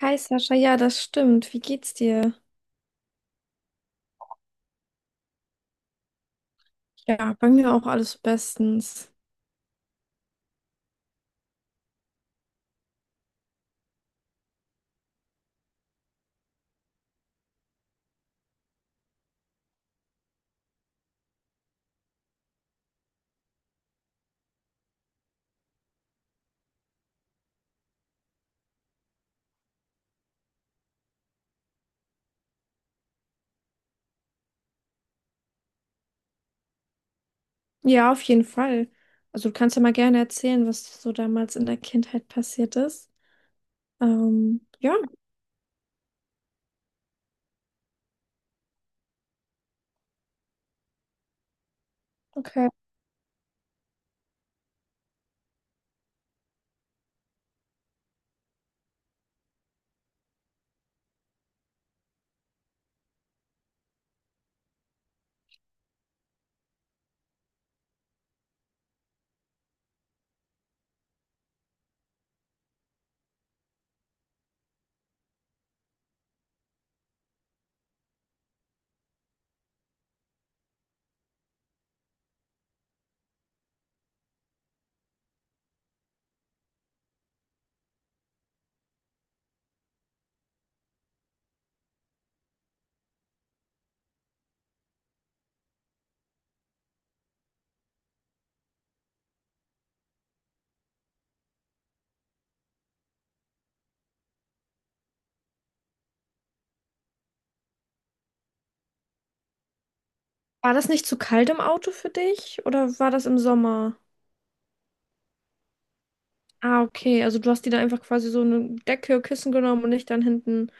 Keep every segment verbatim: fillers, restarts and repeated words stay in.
Hi Sascha, ja, das stimmt. Wie geht's dir? Ja, bei mir auch alles bestens. Ja, auf jeden Fall. Also du kannst ja mal gerne erzählen, was so damals in der Kindheit passiert ist. Ähm, ja, okay. War das nicht zu kalt im Auto für dich oder war das im Sommer? Ah, okay. Also du hast dir da einfach quasi so eine Decke, Kissen genommen und dich dann hinten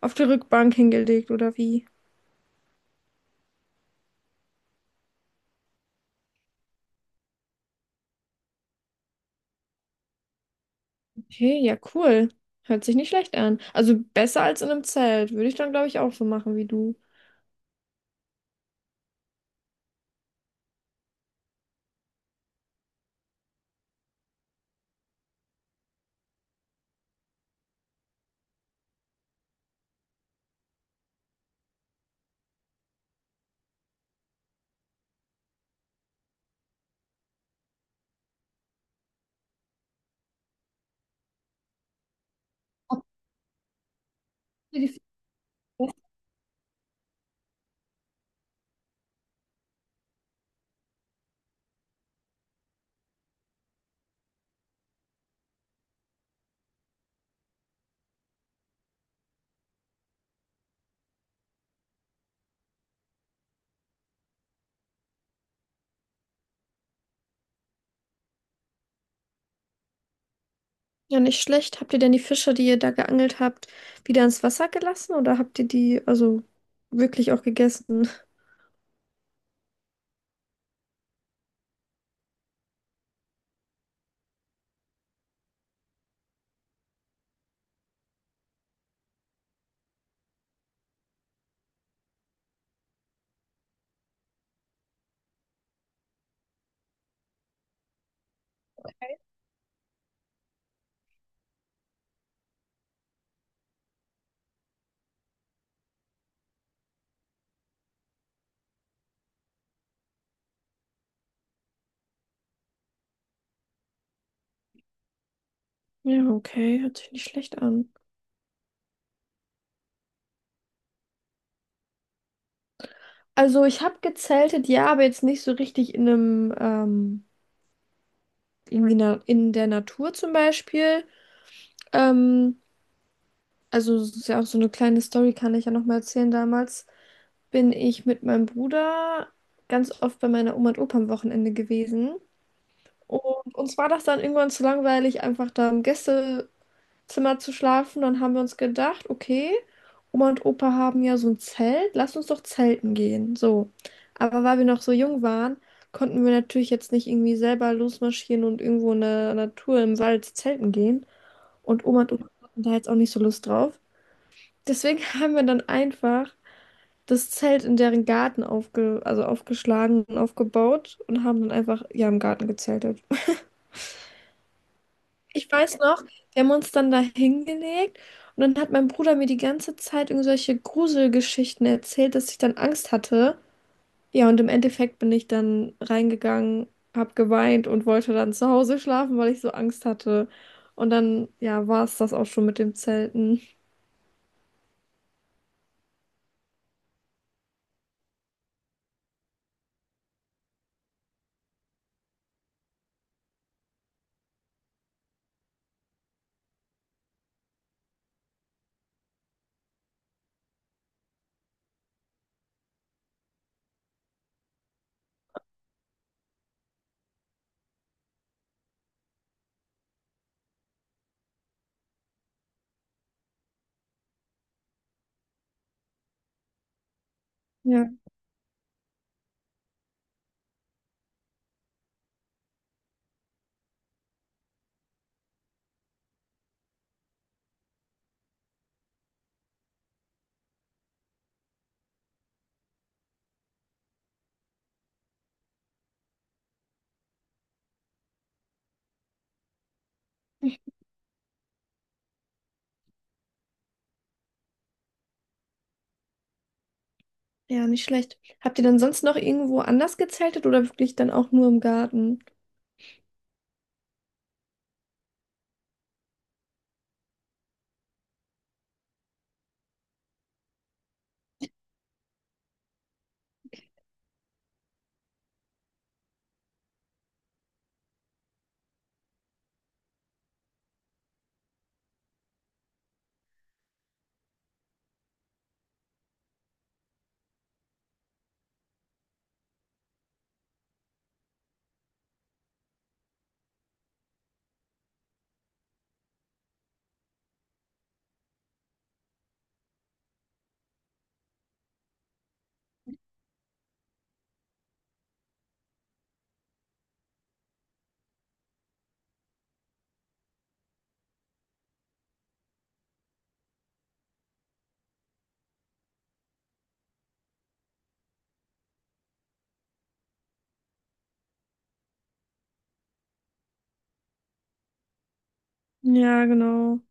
auf die Rückbank hingelegt oder wie? Okay, ja, cool. Hört sich nicht schlecht an. Also besser als in einem Zelt. Würde ich dann, glaube ich, auch so machen wie du. Ja, nicht schlecht. Habt ihr denn die Fische, die ihr da geangelt habt, wieder ins Wasser gelassen oder habt ihr die also wirklich auch gegessen? Ja, okay, hört sich nicht schlecht an. Also ich habe gezeltet, ja, aber jetzt nicht so richtig in einem, ähm, irgendwie na in der Natur zum Beispiel. Ähm, also es ist ja auch so eine kleine Story, kann ich ja nochmal erzählen. Damals bin ich mit meinem Bruder ganz oft bei meiner Oma und Opa am Wochenende gewesen. Und uns war das dann irgendwann zu langweilig, einfach da im Gäste Zimmer zu schlafen. Dann haben wir uns gedacht, okay, Oma und Opa haben ja so ein Zelt, lass uns doch zelten gehen. So. Aber weil wir noch so jung waren, konnten wir natürlich jetzt nicht irgendwie selber losmarschieren und irgendwo in der Natur im Wald zelten gehen. Und Oma und Opa hatten da jetzt auch nicht so Lust drauf. Deswegen haben wir dann einfach das Zelt in deren Garten aufge also aufgeschlagen und aufgebaut und haben dann einfach ja im Garten gezeltet. Ich weiß noch, wir haben uns dann da hingelegt und dann hat mein Bruder mir die ganze Zeit irgendwelche Gruselgeschichten erzählt, dass ich dann Angst hatte. Ja, und im Endeffekt bin ich dann reingegangen, hab geweint und wollte dann zu Hause schlafen, weil ich so Angst hatte. Und dann, ja, war es das auch schon mit dem Zelten. Ja, ja, nicht schlecht. Habt ihr dann sonst noch irgendwo anders gezeltet oder wirklich dann auch nur im Garten? Ja, genau.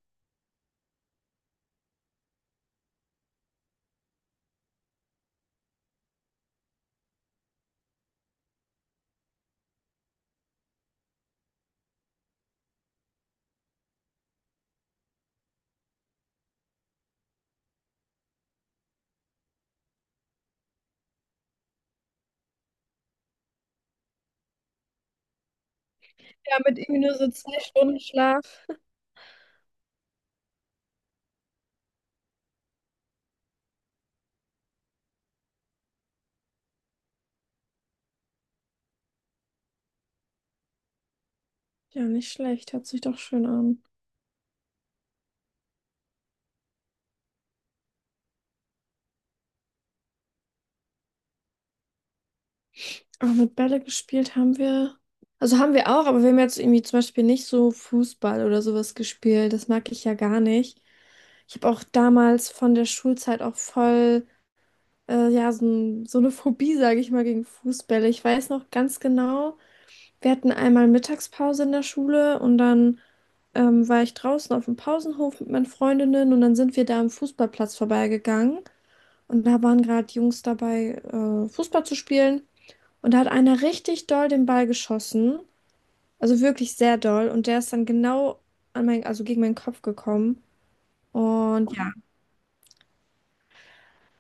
Ja, mit irgendwie nur so zwei Stunden Schlaf. Ja, nicht schlecht. Hört sich doch schön an. Aber mit Bälle gespielt haben wir. Also haben wir auch, aber wir haben jetzt irgendwie zum Beispiel nicht so Fußball oder sowas gespielt. Das mag ich ja gar nicht. Ich habe auch damals von der Schulzeit auch voll, äh, ja, so, n- so eine Phobie, sage ich mal, gegen Fußbälle. Ich weiß noch ganz genau, wir hatten einmal Mittagspause in der Schule und dann ähm, war ich draußen auf dem Pausenhof mit meinen Freundinnen und dann sind wir da am Fußballplatz vorbeigegangen und da waren gerade Jungs dabei, äh, Fußball zu spielen. Und da hat einer richtig doll den Ball geschossen. Also wirklich sehr doll. Und der ist dann genau an mein, also gegen meinen Kopf gekommen. Und ja,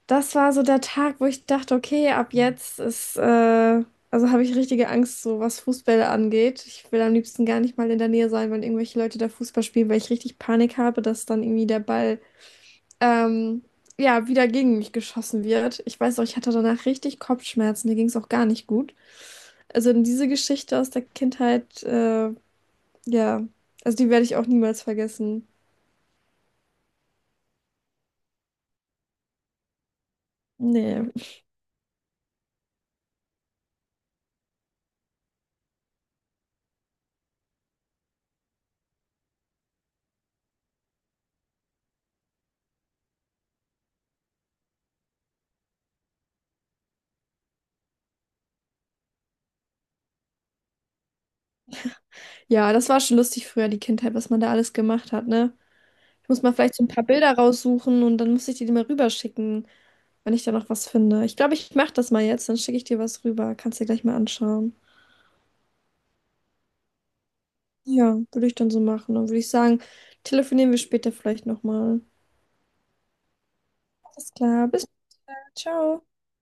das war so der Tag, wo ich dachte, okay, ab jetzt ist, äh, also habe ich richtige Angst, so was Fußbälle angeht. Ich will am liebsten gar nicht mal in der Nähe sein, wenn irgendwelche Leute da Fußball spielen, weil ich richtig Panik habe, dass dann irgendwie der Ball ähm, ja, wieder gegen mich geschossen wird. Ich weiß auch, ich hatte danach richtig Kopfschmerzen, mir ging es auch gar nicht gut. Also in diese Geschichte aus der Kindheit, äh, ja, also die werde ich auch niemals vergessen. Nee. Ja, das war schon lustig früher, die Kindheit, was man da alles gemacht hat, ne? Ich muss mal vielleicht so ein paar Bilder raussuchen und dann muss ich dir die mal rüberschicken, wenn ich da noch was finde. Ich glaube, ich mache das mal jetzt, dann schicke ich dir was rüber. Kannst dir gleich mal anschauen. Ja, würde ich dann so machen. Dann würde ich sagen, telefonieren wir später vielleicht nochmal. Alles klar, bis dann, ciao.